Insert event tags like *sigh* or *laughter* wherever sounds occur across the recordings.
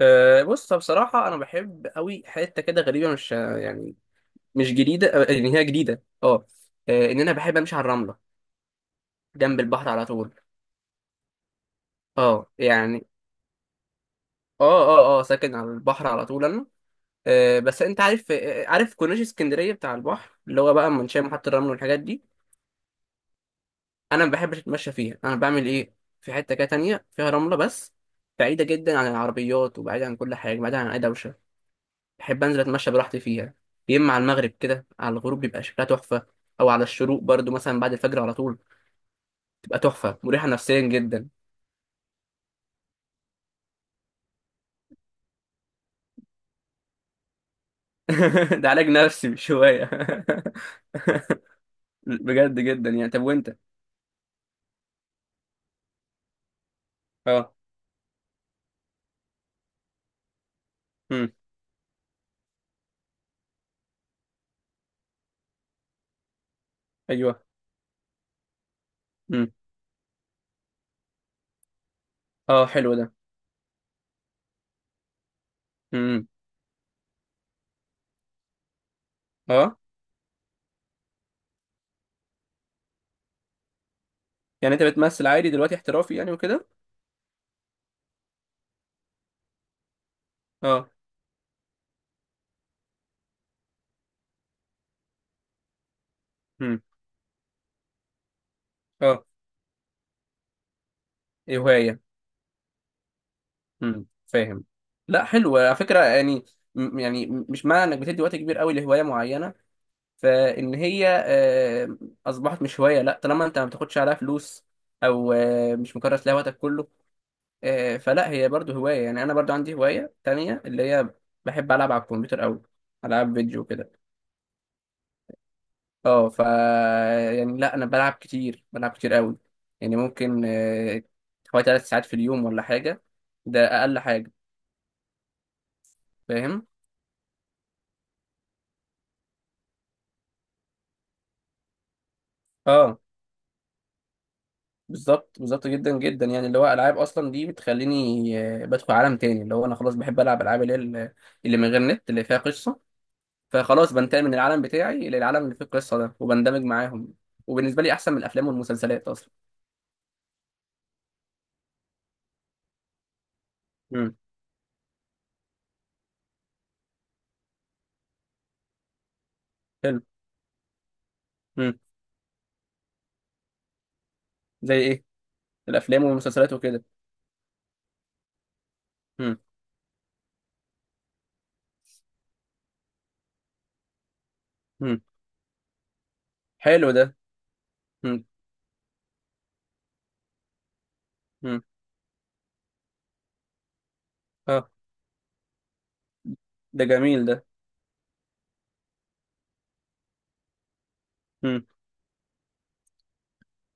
بص، بصراحة أنا بحب أوي حتة كده غريبة، مش يعني مش جديدة، إن هي جديدة. أه آه، إن أنا بحب أمشي على الرملة جنب البحر على طول. يعني. أه أه أه ساكن على البحر على طول أنا. بس أنت عارف، عارف كورنيش اسكندرية بتاع البحر اللي هو بقى منشأ محطة الرمل والحاجات دي. أنا ما بحبش أتمشى فيها، أنا بعمل إيه في حتة كده تانية فيها رملة بس، بعيدة جدا عن العربيات وبعيدة عن كل حاجة، بعيدة عن أي دوشة. بحب انزل اتمشى براحتي فيها، يا اما على المغرب كده على الغروب بيبقى شكلها تحفه، او على الشروق برضو مثلا بعد الفجر على طول تبقى تحفه مريحه نفسيا جدا. *laughs* ده علاج نفسي مش هوايه. *laughs* بجد جدا يعني. طب وانت؟ اه. امم. ايوه. امم. اه حلو ده. امم. اه، يعني انت بتمثل عادي دلوقتي، احترافي يعني وكده؟ اه. امم. اه. إيه هوايه. امم، فاهم. لا حلو على فكره يعني. يعني مش معنى انك بتدي وقت كبير قوي لهوايه معينه فان هي اصبحت مش هوايه، لا طالما انت ما بتاخدش عليها فلوس او مش مكرس لها وقتك كله، فلا هي برضو هوايه. يعني انا برضو عندي هوايه تانية اللي هي بحب العب على الكمبيوتر قوي، العاب فيديو كده. اه ف يعني، لا انا بلعب كتير، بلعب كتير قوي. يعني ممكن حوالي 3 ساعات في اليوم ولا حاجه، ده اقل حاجه. فاهم. اه بالظبط، بالظبط جدا جدا. يعني اللي هو العاب اصلا دي بتخليني بدخل عالم تاني، اللي هو انا خلاص بحب العب العاب اللي هي اللي من غير نت اللي فيها قصه. فخلاص بنتقل من العالم بتاعي للعالم اللي فيه القصه ده وبندمج معاهم، وبالنسبه لي احسن من الافلام والمسلسلات اصلا. امم. حلو. امم. زي ايه، الافلام والمسلسلات وكده؟ امم. امم. حلو ده. امم. امم. اه ده جميل ده.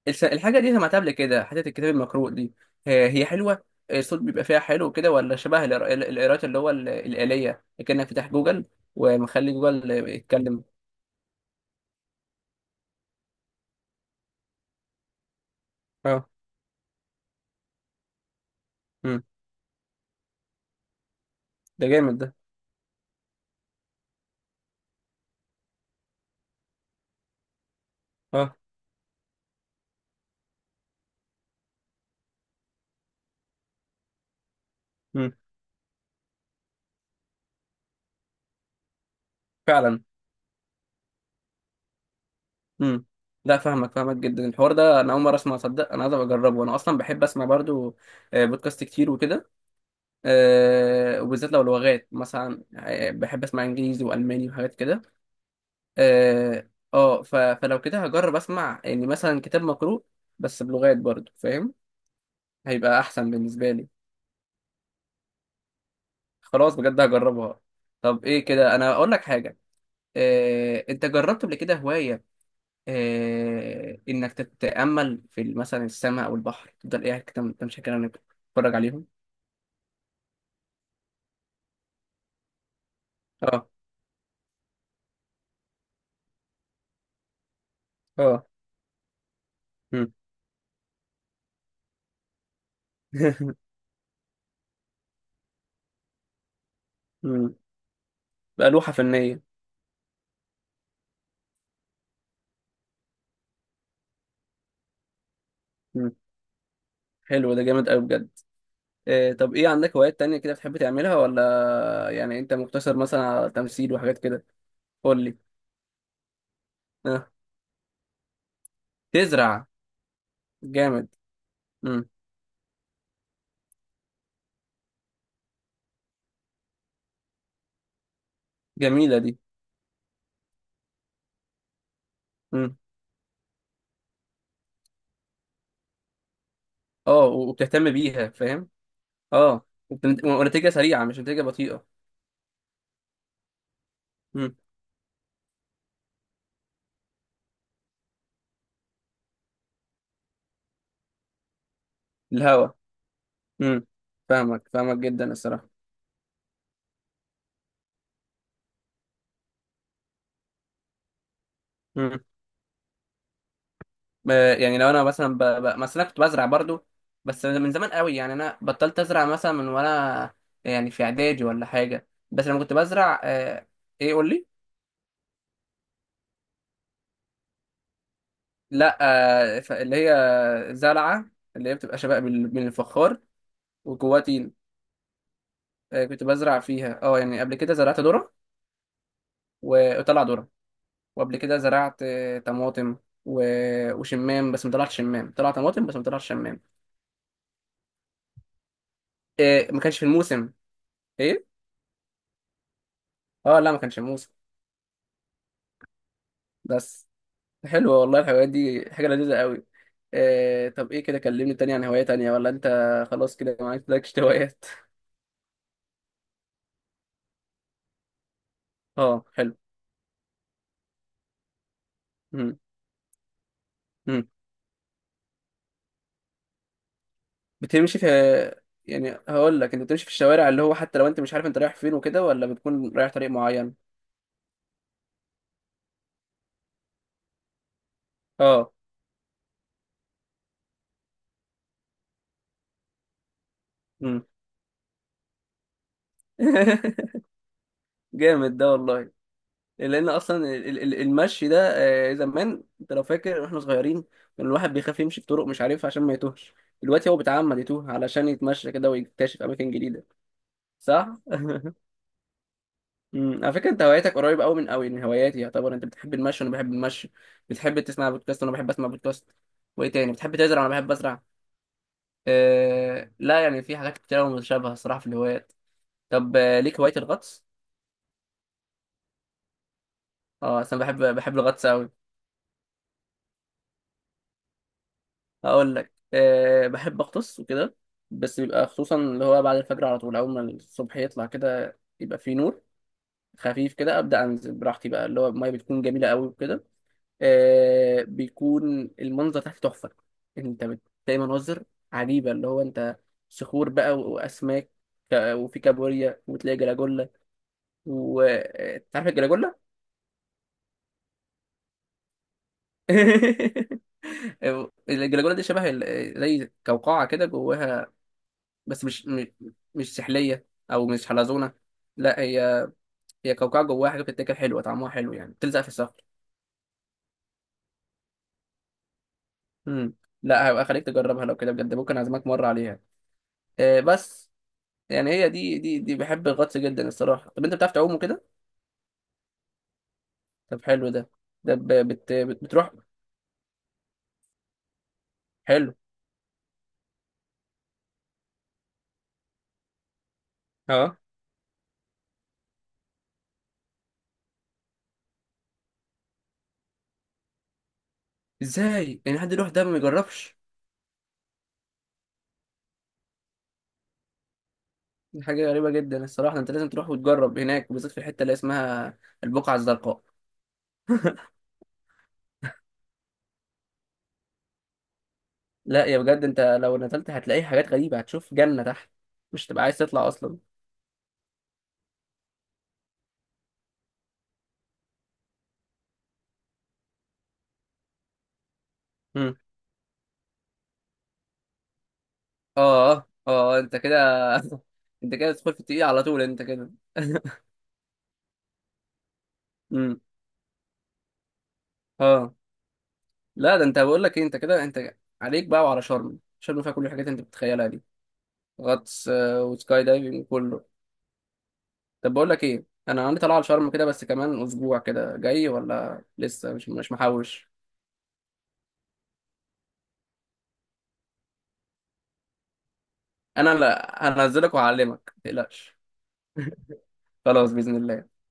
الحاجة دي سمعتها قبل كده، حتة الكتاب المقروء دي، هي حلوة. الصوت بيبقى فيها حلو كده، ولا شبه القراءات اللي هو الآلية، كأنك فتح جوجل ومخلي جوجل يتكلم. اه. امم. ده جامد ده. اه. امم. فعلا. امم. لا، فاهمك فاهمك جدا. الحوار ده انا اول مره اسمع، صدق، انا عايز أبقى اجربه. انا اصلا بحب اسمع برضو بودكاست كتير وكده، وبالذات لو لغات مثلا، بحب اسمع انجليزي والماني وحاجات كده. اه. فلو كده هجرب اسمع يعني مثلا كتاب مقروء، بس بلغات برضو، فاهم. هيبقى احسن بالنسبه لي. خلاص بجد هجربها. طب ايه كده، انا اقول لك حاجه. انت جربت قبل كده هوايه انك تتامل في مثلا السماء او البحر، تفضل قاعد كده تمشي كده إنك تتفرج عليهم؟ اه. اه. مم. *laughs* مم. بقى لوحه فنيه. مم. حلو ده، جامد قوي بجد. طب ايه عندك هوايات تانية كده بتحب تعملها، ولا يعني انت مقتصر مثلا على تمثيل وحاجات كده؟ قول لي. اه. تزرع. جامد. امم. جميلة دي. امم. وبتهتم بيها، فاهم. ونتيجة سريعة، مش نتيجة بطيئة. امم. الهوا امم. فاهمك فاهمك جدا الصراحة. امم. يعني لو انا مثلا مثلا كنت بزرع برضو، بس من زمان قوي. يعني انا بطلت ازرع مثلا من وانا يعني في اعدادي ولا حاجة، بس لما كنت بزرع ايه؟ قول لي. لا، اللي هي زرعة اللي هي بتبقى شبه من الفخار وجواها طين. كنت بزرع فيها. اه يعني قبل كده زرعت ذرة وطلع ذرة، وقبل كده زرعت طماطم وشمام، بس ما طلعش شمام، طلع طماطم بس ما طلعش شمام. ما كانش في الموسم. ايه. اه، لا ما كانش في الموسم. بس. حلوة والله الهوايات دي، حاجة لذيذة قوي. طب ايه كده، كلمني تاني عن هواية تانية، ولا انت خلاص كده ما عندكش هوايات؟ *laughs* اه حلو. مم. بتمشي في يعني هقول لك، انت بتمشي في الشوارع اللي هو حتى لو انت مش عارف انت رايح فين وكده، ولا بتكون رايح طريق معين؟ اه. مم. *laughs* جامد ده والله. لان اصلا المشي ده، زمان انت لو فاكر واحنا صغيرين، كان الواحد بيخاف يمشي في طرق مش عارفها عشان ما يتوهش، دلوقتي هو بيتعمد يتوه علشان يتمشى كده ويكتشف اماكن جديده. صح. *laughs* مم. على فكره انت هواياتك قريبه قوي من هواياتي، يعتبر انت بتحب المشي وانا بحب المشي، بتحب تسمع بودكاست وانا بحب اسمع بودكاست. وايه تاني؟ بتحب تزرع وانا بحب ازرع. لا يعني في حاجات كتير متشابهة الصراحة في الهوايات. طب ليك هواية الغطس؟ اه أصل أنا بحب الغطس أوي. هقول لك، بحب أغطس وكده، بس بيبقى خصوصا اللي هو بعد الفجر على طول، أول ما الصبح يطلع كده يبقى فيه نور خفيف كده، أبدأ أنزل براحتي بقى. اللي هو المية بتكون جميلة أوي وكده. بيكون المنظر تحت تحفة. أنت بتلاقي مناظر عجيبة اللي هو أنت، صخور بقى وأسماك، وفي كابوريا، وتلاقي جلاجولا. وتعرف الجلاجولا؟ *laughs* الجلاجولا دي شبه زي قوقعة كده جواها، بس مش سحلية أو مش حلزونة. لا هي قوقعة جواها حاجة بتتاكل، حلوة طعمها حلو يعني، بتلزق في الصخر. مم. لا هبقى خليك تجربها، لو كده بجد ممكن أعزمك مرة عليها. بس يعني هي دي بحب الغطس جدا الصراحة. طب أنت بتعرف تعوم وكده؟ طب حلو ده. بتروح. حلو. اه. ازاي يعني حد يروح ده ما يجربش؟ دي حاجة غريبة جدا الصراحة، انت لازم تروح وتجرب هناك، وبالذات في الحتة اللي اسمها البقعة الزرقاء. *laughs* لا يا بجد انت لو نزلت هتلاقي حاجات غريبة، هتشوف جنة تحت، مش تبقى عايز تطلع اصلا. مم. اه، اه، اه، انت كده. *laughs* انت كده تدخل في التقيل على طول، انت كده. *laughs* امم. اه. لا ده انت، بقول لك ايه، انت كده، انت عليك بقى وعلى شرم فيها كل الحاجات اللي انت بتتخيلها دي. غطس وسكاي دايفنج، كله. طب بقول لك ايه، انا عندي طلعه على شرم كده، بس كمان اسبوع كده جاي ولا لسه، مش محوش. انا لا هنزلك وهعلمك، ما تقلقش. *laughs* خلاص باذن الله.